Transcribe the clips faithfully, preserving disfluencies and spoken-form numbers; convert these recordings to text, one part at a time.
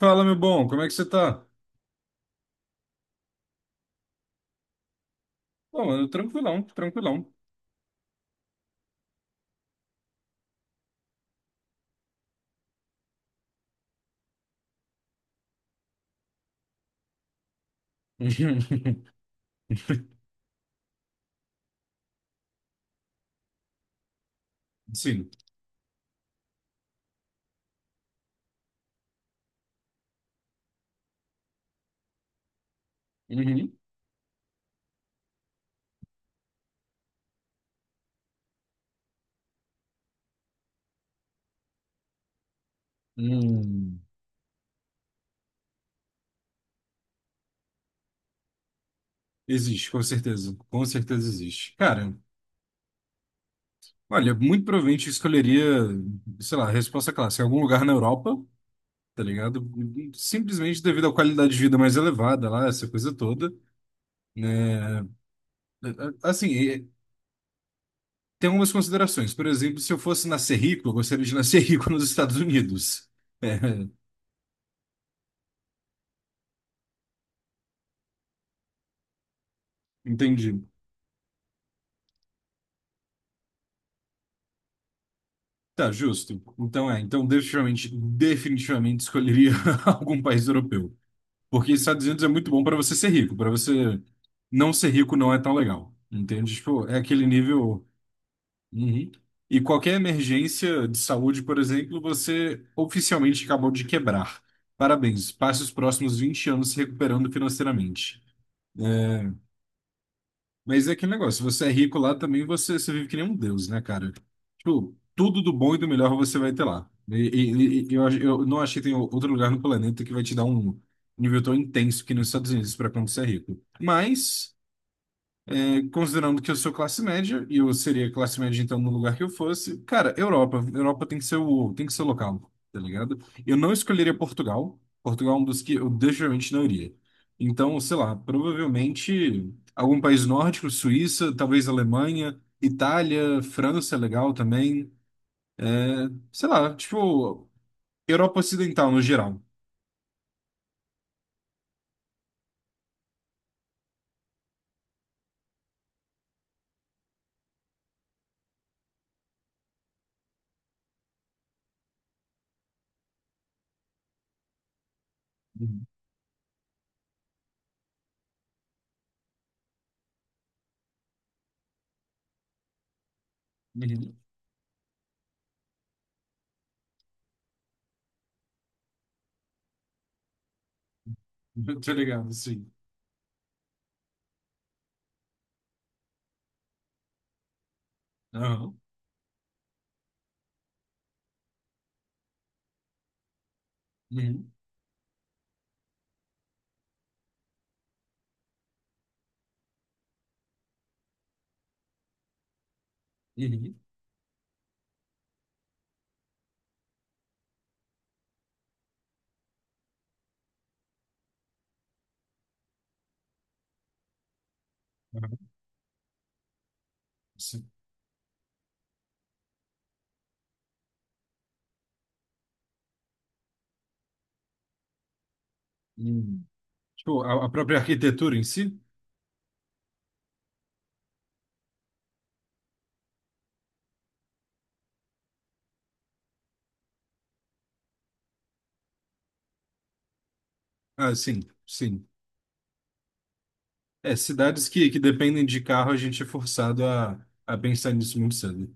Fala, meu bom, como é que você tá? Bom, mano, tranquilão, tranquilão. Sim. Uhum. Hum. Existe, com certeza. Com certeza existe. Cara, olha, muito provavelmente eu escolheria, sei lá, a resposta clássica, algum lugar na Europa, tá ligado? Simplesmente devido à qualidade de vida mais elevada lá, essa coisa toda. Né? Assim, eh, tem algumas considerações. Por exemplo, se eu fosse nascer rico, eu gostaria de nascer rico nos Estados Unidos. É, entendi. Tá, justo. Então é, então definitivamente, definitivamente escolheria algum país europeu. Porque Estados Unidos é muito bom para você ser rico, para você não ser rico não é tão legal. Entende? Tipo, é aquele nível. Uhum. E qualquer emergência de saúde, por exemplo, você oficialmente acabou de quebrar. Parabéns, passe os próximos vinte anos se recuperando financeiramente. Mas é aquele negócio, se você é rico lá também, você, você vive que nem um deus, né, cara? Tipo, tudo do bom e do melhor você vai ter lá. E, e- e- e eu, ach- eu não achei que tem outro lugar no planeta que vai te dar um nível tão intenso que nos Estados Unidos para quando você é rico. Mas. Considerando que eu sou classe média, e eu seria classe média então no lugar que eu fosse, cara, Europa. Europa tem que ser o, tem que ser o local, tá ligado? Eu não escolheria Portugal. Portugal é um dos que eu definitivamente não iria. Então, sei lá, provavelmente algum país nórdico, Suíça, talvez Alemanha, Itália, França é legal também. Sei lá, tipo, Europa Ocidental no geral. Uhum. Uhum. Tá ligado, sim. Aham. Uhum. Uhum. Aham. Sim. Tipo, a, a própria arquitetura em si? Ah, sim, sim. É, cidades que, que dependem de carro, a gente é forçado a, a pensar nisso muito cedo.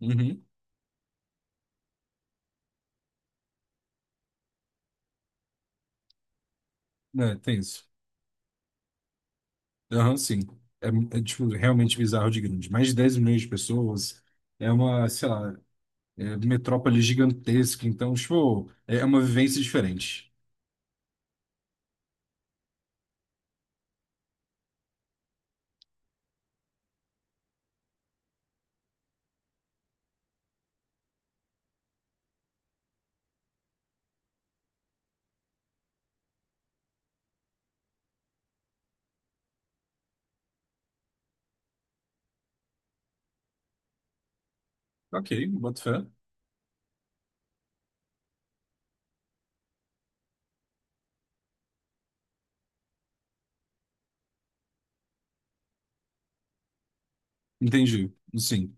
Uhum. É, tem isso. Aham, sim. É, é, tipo, realmente bizarro de grande. Mais de dez milhões de pessoas. É uma, sei lá, é metrópole gigantesca. Então, tipo, é é uma vivência diferente. Ok, boto fé. Entendi. Sim.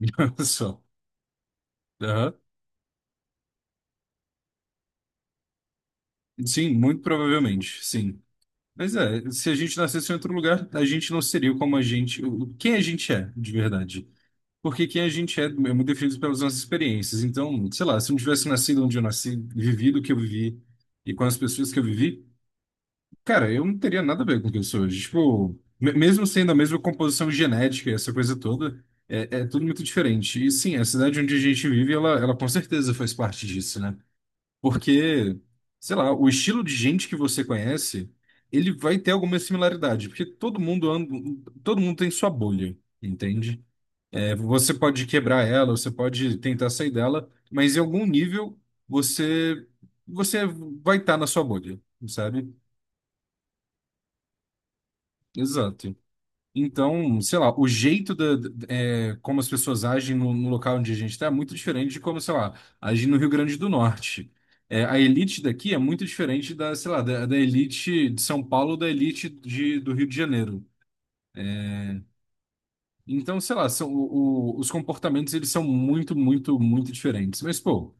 Só. Aham. Sim, muito provavelmente, sim. Mas é, se a gente nascesse em outro lugar, a gente não seria como a gente, o- quem a gente é, de verdade. Porque quem a gente é é muito definido pelas nossas experiências. Então, sei lá, se eu não tivesse nascido onde eu nasci, vivido o que eu vivi e com as pessoas que eu vivi, cara, eu não teria nada a ver com o que eu sou hoje. Tipo, me- mesmo sendo a mesma composição genética, e essa coisa toda, é, é tudo muito diferente. E sim, a cidade onde a gente vive, ela, ela com certeza faz parte disso, né? Porque, sei lá, o estilo de gente que você conhece, ele vai ter alguma similaridade, porque todo mundo anda, todo mundo tem sua bolha, entende? É, você pode quebrar ela, você pode tentar sair dela, mas em algum nível você você vai estar na sua bolha, sabe? Exato. Então, sei lá, o jeito da, da- é, como as pessoas agem no, no local onde a gente está é muito diferente de como, sei lá, agem no Rio Grande do Norte. É, a elite daqui é muito diferente da, sei lá, da, da elite de São Paulo, da elite de, do Rio de Janeiro. Então, sei lá, são, o- o- os comportamentos eles são muito, muito, muito diferentes. Mas, pô,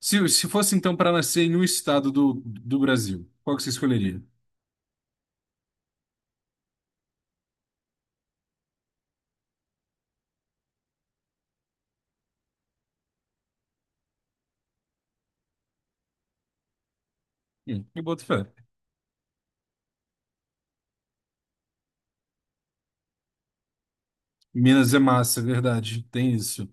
se, se fosse então para nascer em um estado do, do Brasil, qual que você escolheria? Hum, eu boto fé. Minas é massa, é verdade. Tem isso.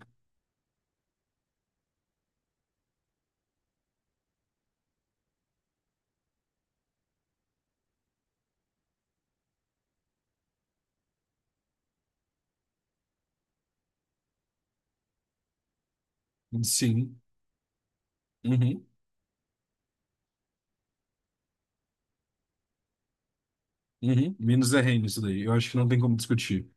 Sim. Uhum. Uhum. Minos é reino isso daí. Eu acho que não tem como discutir.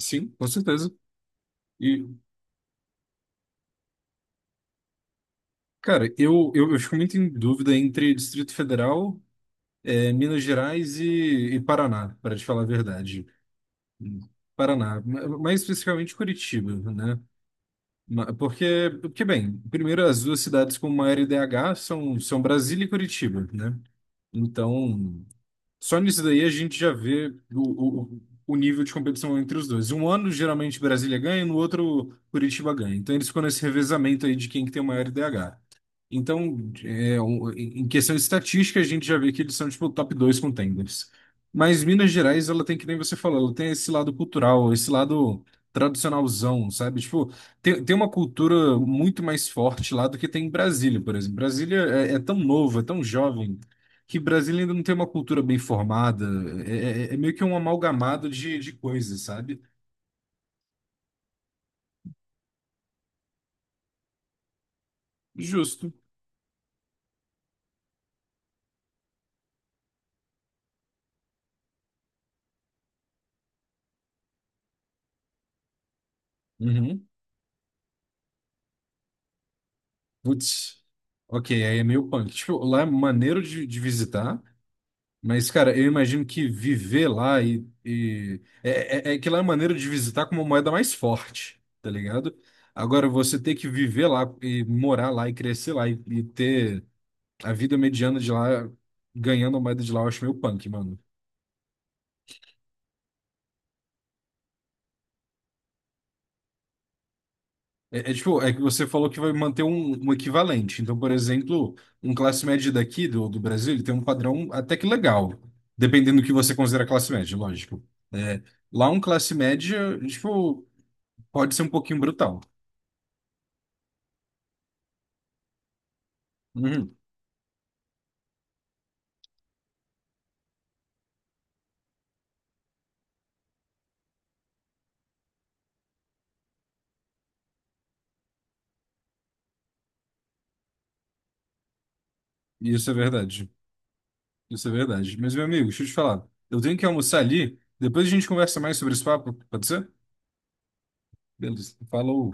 Sim, com certeza. E, cara, eu, eu, eu fico muito em dúvida entre Distrito Federal, eh, Minas Gerais e, e Paraná, para te falar a verdade. Paraná, ma- mais especificamente Curitiba, né? Ma- Porque, porque, bem, primeiro as duas cidades com maior I D H são, são Brasília e Curitiba, né? Então. Só nisso daí a gente já vê o, o, o nível de competição entre os dois. Um ano, geralmente, Brasília ganha, no outro, Curitiba ganha. Então, eles ficam nesse revezamento aí de quem que tem o maior I D H. Então, é, um- em em questão de estatística, a gente já vê que eles são, tipo, top dois contenders. Mas Minas Gerais, ela tem, que nem você falou, ela tem esse lado cultural, esse lado tradicionalzão, sabe? Tipo, tem, tem uma cultura muito mais forte lá do que tem em Brasília, por exemplo. Brasília é, é tão novo, é tão jovem, que Brasília ainda não tem uma cultura bem formada. É, é- é meio que um amalgamado de, de coisas, sabe? Justo. Uhum. Putz. Ok, aí é meio punk. Tipo, lá é maneiro de, de visitar, mas, cara, eu imagino que viver lá e, e- é, é, é que lá é maneiro de visitar com uma moeda mais forte, tá ligado? Agora, você ter que viver lá e morar lá e crescer lá e, e ter a vida mediana de lá ganhando a moeda de lá, eu acho meio punk, mano. É, é tipo, é que você falou que vai manter um, um equivalente. Então, por exemplo, um classe média daqui do, do Brasil, ele tem um padrão até que legal, dependendo do que você considera classe média, lógico. É, lá um classe média, tipo, pode ser um pouquinho brutal. Uhum, isso é verdade. Isso é verdade. Mas, meu amigo, deixa eu te falar. Eu tenho que almoçar ali, depois a gente conversa mais sobre esse papo, pode ser? Beleza. Falou.